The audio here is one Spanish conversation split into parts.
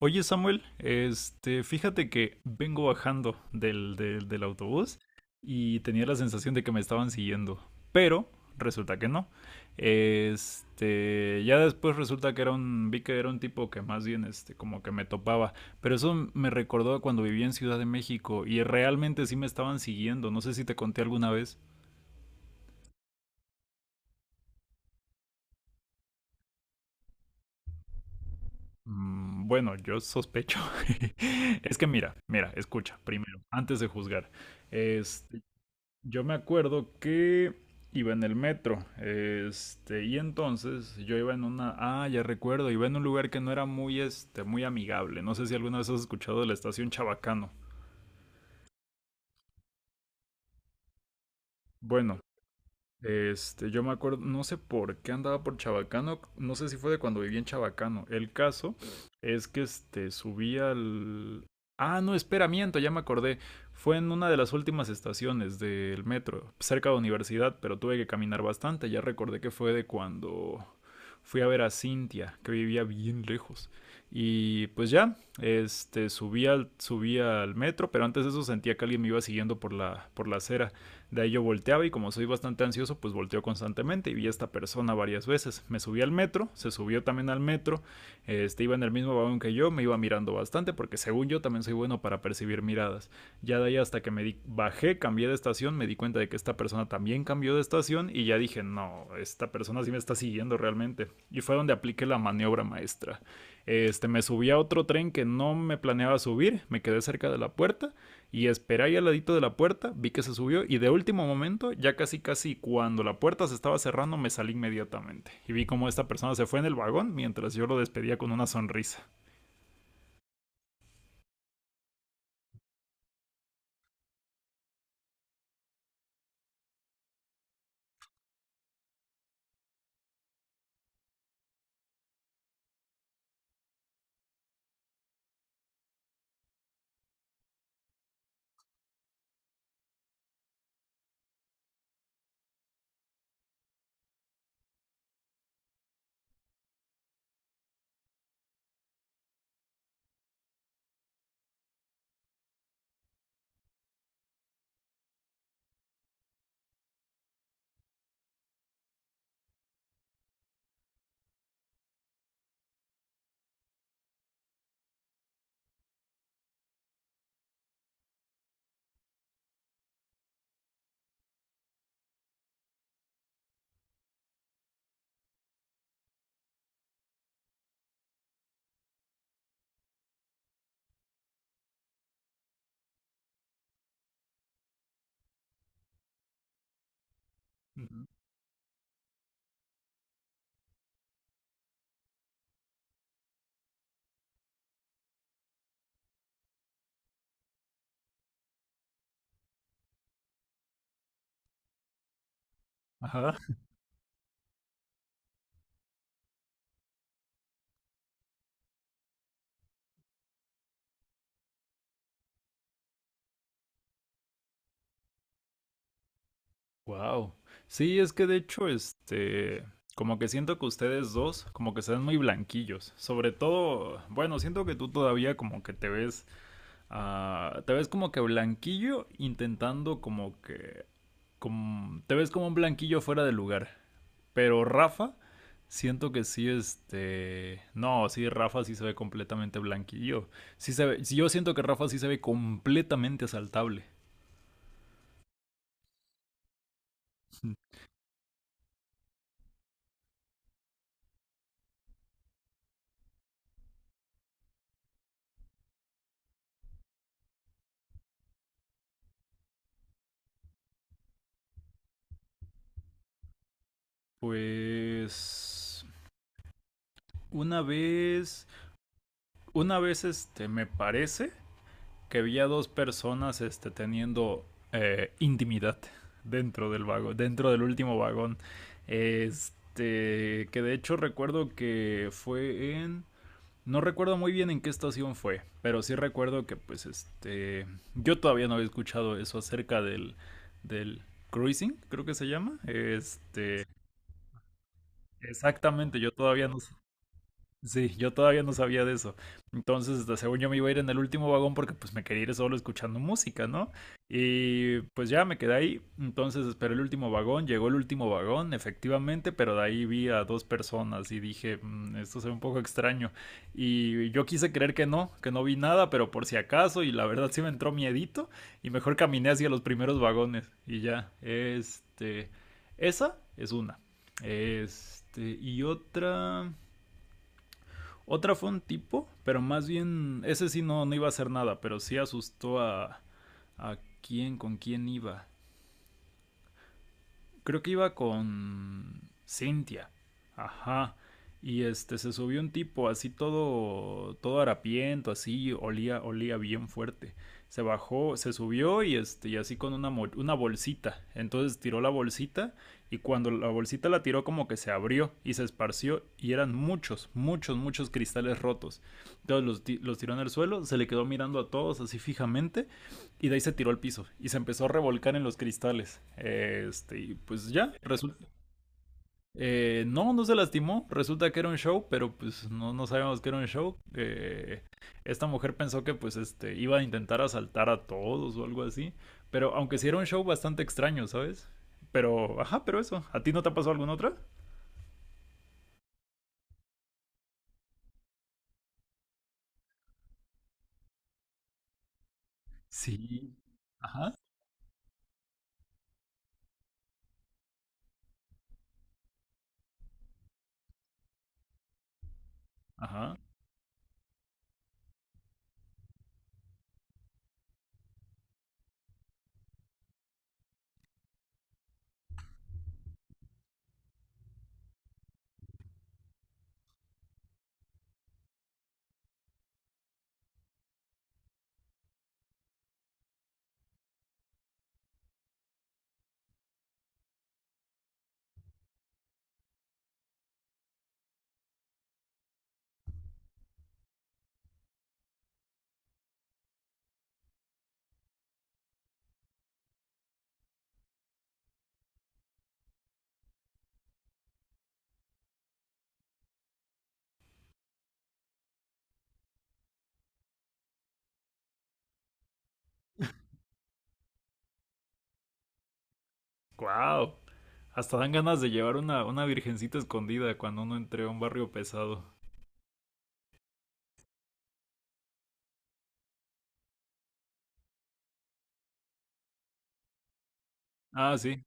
Oye Samuel, fíjate que vengo bajando del autobús y tenía la sensación de que me estaban siguiendo, pero resulta que no. Ya después resulta que era vi que era un tipo que más bien, como que me topaba, pero eso me recordó a cuando vivía en Ciudad de México y realmente sí me estaban siguiendo, no sé si te conté alguna vez. Bueno, yo sospecho. Es que mira, mira, escucha, primero, antes de juzgar. Yo me acuerdo que iba en el metro, y entonces yo iba en una, ah, ya recuerdo, iba en un lugar que no era muy, muy amigable. No sé si alguna vez has escuchado de la estación Chabacano. Bueno, yo me acuerdo, no sé por qué andaba por Chabacano, no sé si fue de cuando vivía en Chabacano. El caso es que este subía al... Ah, no, espera, miento, ya me acordé. Fue en una de las últimas estaciones del metro, cerca de universidad, pero tuve que caminar bastante. Ya recordé que fue de cuando fui a ver a Cintia, que vivía bien lejos. Y pues ya, subí al metro, pero antes de eso sentía que alguien me iba siguiendo por por la acera. De ahí yo volteaba y como soy bastante ansioso, pues volteo constantemente y vi a esta persona varias veces. Me subí al metro, se subió también al metro, este iba en el mismo vagón que yo, me iba mirando bastante porque según yo también soy bueno para percibir miradas. Ya de ahí hasta que me di bajé, cambié de estación, me di cuenta de que esta persona también cambió de estación y ya dije, no, esta persona sí me está siguiendo realmente. Y fue donde apliqué la maniobra maestra. Me subí a otro tren que no me planeaba subir, me quedé cerca de la puerta y esperé ahí al ladito de la puerta, vi que se subió y de último momento, ya casi casi cuando la puerta se estaba cerrando, me salí inmediatamente. Y vi cómo esta persona se fue en el vagón mientras yo lo despedía con una sonrisa. Ujú. Ajá. Wow. Sí, es que de hecho, como que siento que ustedes dos como que se ven muy blanquillos. Sobre todo, bueno, siento que tú todavía como que te ves, ah, te ves como que blanquillo intentando como que, como, te ves como un blanquillo fuera de lugar. Pero Rafa, siento que sí, este. No, sí, Rafa sí se ve completamente blanquillo. Sí se ve... sí, yo siento que Rafa sí se ve completamente asaltable. Pues. Una vez. Una vez, me parece que vi a dos personas este, teniendo intimidad dentro del vagón, dentro del último vagón. Que de hecho recuerdo que fue en... No recuerdo muy bien en qué estación fue, pero sí recuerdo que pues este yo todavía no había escuchado eso acerca del cruising, creo que se llama. Exactamente, yo todavía no... Sí, yo todavía no sabía de eso. Entonces, según yo me iba a ir en el último vagón porque pues me quería ir solo escuchando música, ¿no? Y pues ya me quedé ahí. Entonces esperé el último vagón, llegó el último vagón, efectivamente, pero de ahí vi a dos personas y dije, "Mm, esto se ve un poco extraño. Y yo quise creer que no vi nada, pero por si acaso, y la verdad sí me entró miedito, y mejor caminé hacia los primeros vagones. Y ya, esa es una. Y otra... Otra fue un tipo, pero más bien, ese sí no, no iba a hacer nada, pero sí asustó a quién, con quién iba... creo que iba con Cynthia. Ajá. Y este se subió un tipo así todo harapiento, así olía bien fuerte. Se bajó, se subió y este y así con una bolsita. Entonces tiró la bolsita y cuando la bolsita la tiró como que se abrió y se esparció y eran muchos, muchos, muchos cristales rotos. Entonces los tiró en el suelo, se le quedó mirando a todos así fijamente y de ahí se tiró al piso y se empezó a revolcar en los cristales. Y pues ya, resulta. No, no se lastimó. Resulta que era un show, pero pues no, no sabíamos que era un show. Esta mujer pensó que pues este iba a intentar asaltar a todos o algo así. Pero aunque sí era un show bastante extraño, ¿sabes? Pero, ajá, pero eso. ¿A ti no te ha pasado alguna otra? Sí. Ajá, ajá. Wow. Hasta dan ganas de llevar una virgencita escondida cuando uno entre a un barrio pesado. Ah, sí.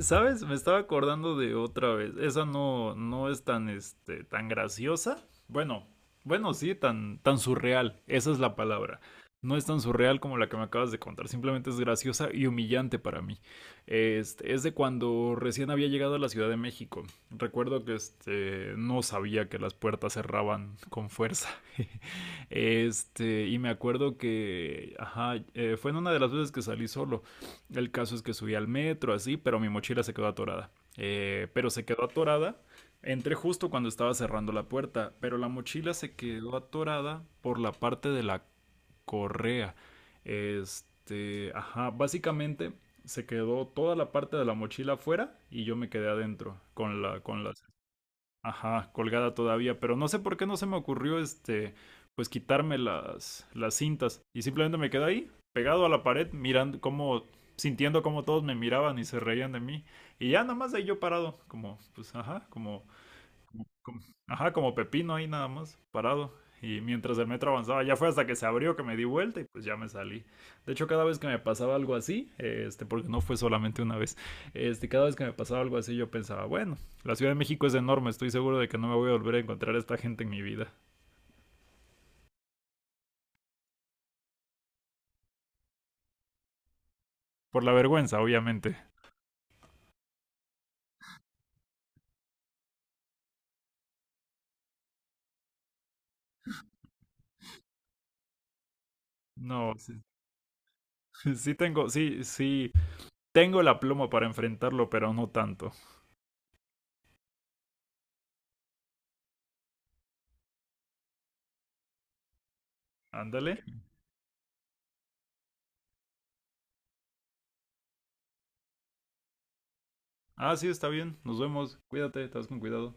¿Sabes? Me estaba acordando de otra vez. Esa no, no es tan, tan graciosa. Bueno, bueno, sí, tan, tan surreal. Esa es la palabra. No es tan surreal como la que me acabas de contar. Simplemente es graciosa y humillante para mí. Es de cuando recién había llegado a la Ciudad de México. Recuerdo que no sabía que las puertas cerraban con fuerza. Y me acuerdo que ajá, fue en una de las veces que salí solo. El caso es que subí al metro, así, pero mi mochila se quedó atorada. Pero se quedó atorada. Entré justo cuando estaba cerrando la puerta, pero la mochila se quedó atorada por la parte de la correa. Ajá, básicamente se quedó toda la parte de la mochila afuera y yo me quedé adentro con con las... Ajá, colgada todavía, pero no sé por qué no se me ocurrió pues quitarme las cintas y simplemente me quedé ahí, pegado a la pared, mirando cómo, sintiendo cómo todos me miraban y se reían de mí y ya nada más ahí yo parado, como, pues ajá, como como... ajá, como pepino ahí nada más, parado. Y mientras el metro avanzaba, ya fue hasta que se abrió que me di vuelta y pues ya me salí. De hecho, cada vez que me pasaba algo así, porque no fue solamente una vez, cada vez que me pasaba algo así yo pensaba, bueno, la Ciudad de México es enorme, estoy seguro de que no me voy a volver a encontrar a esta gente en mi vida. Por la vergüenza, obviamente. No, sí, sí tengo, sí, sí, tengo la pluma para enfrentarlo, pero no tanto. Ándale. Ah, sí, está bien. Nos vemos. Cuídate, estás con cuidado.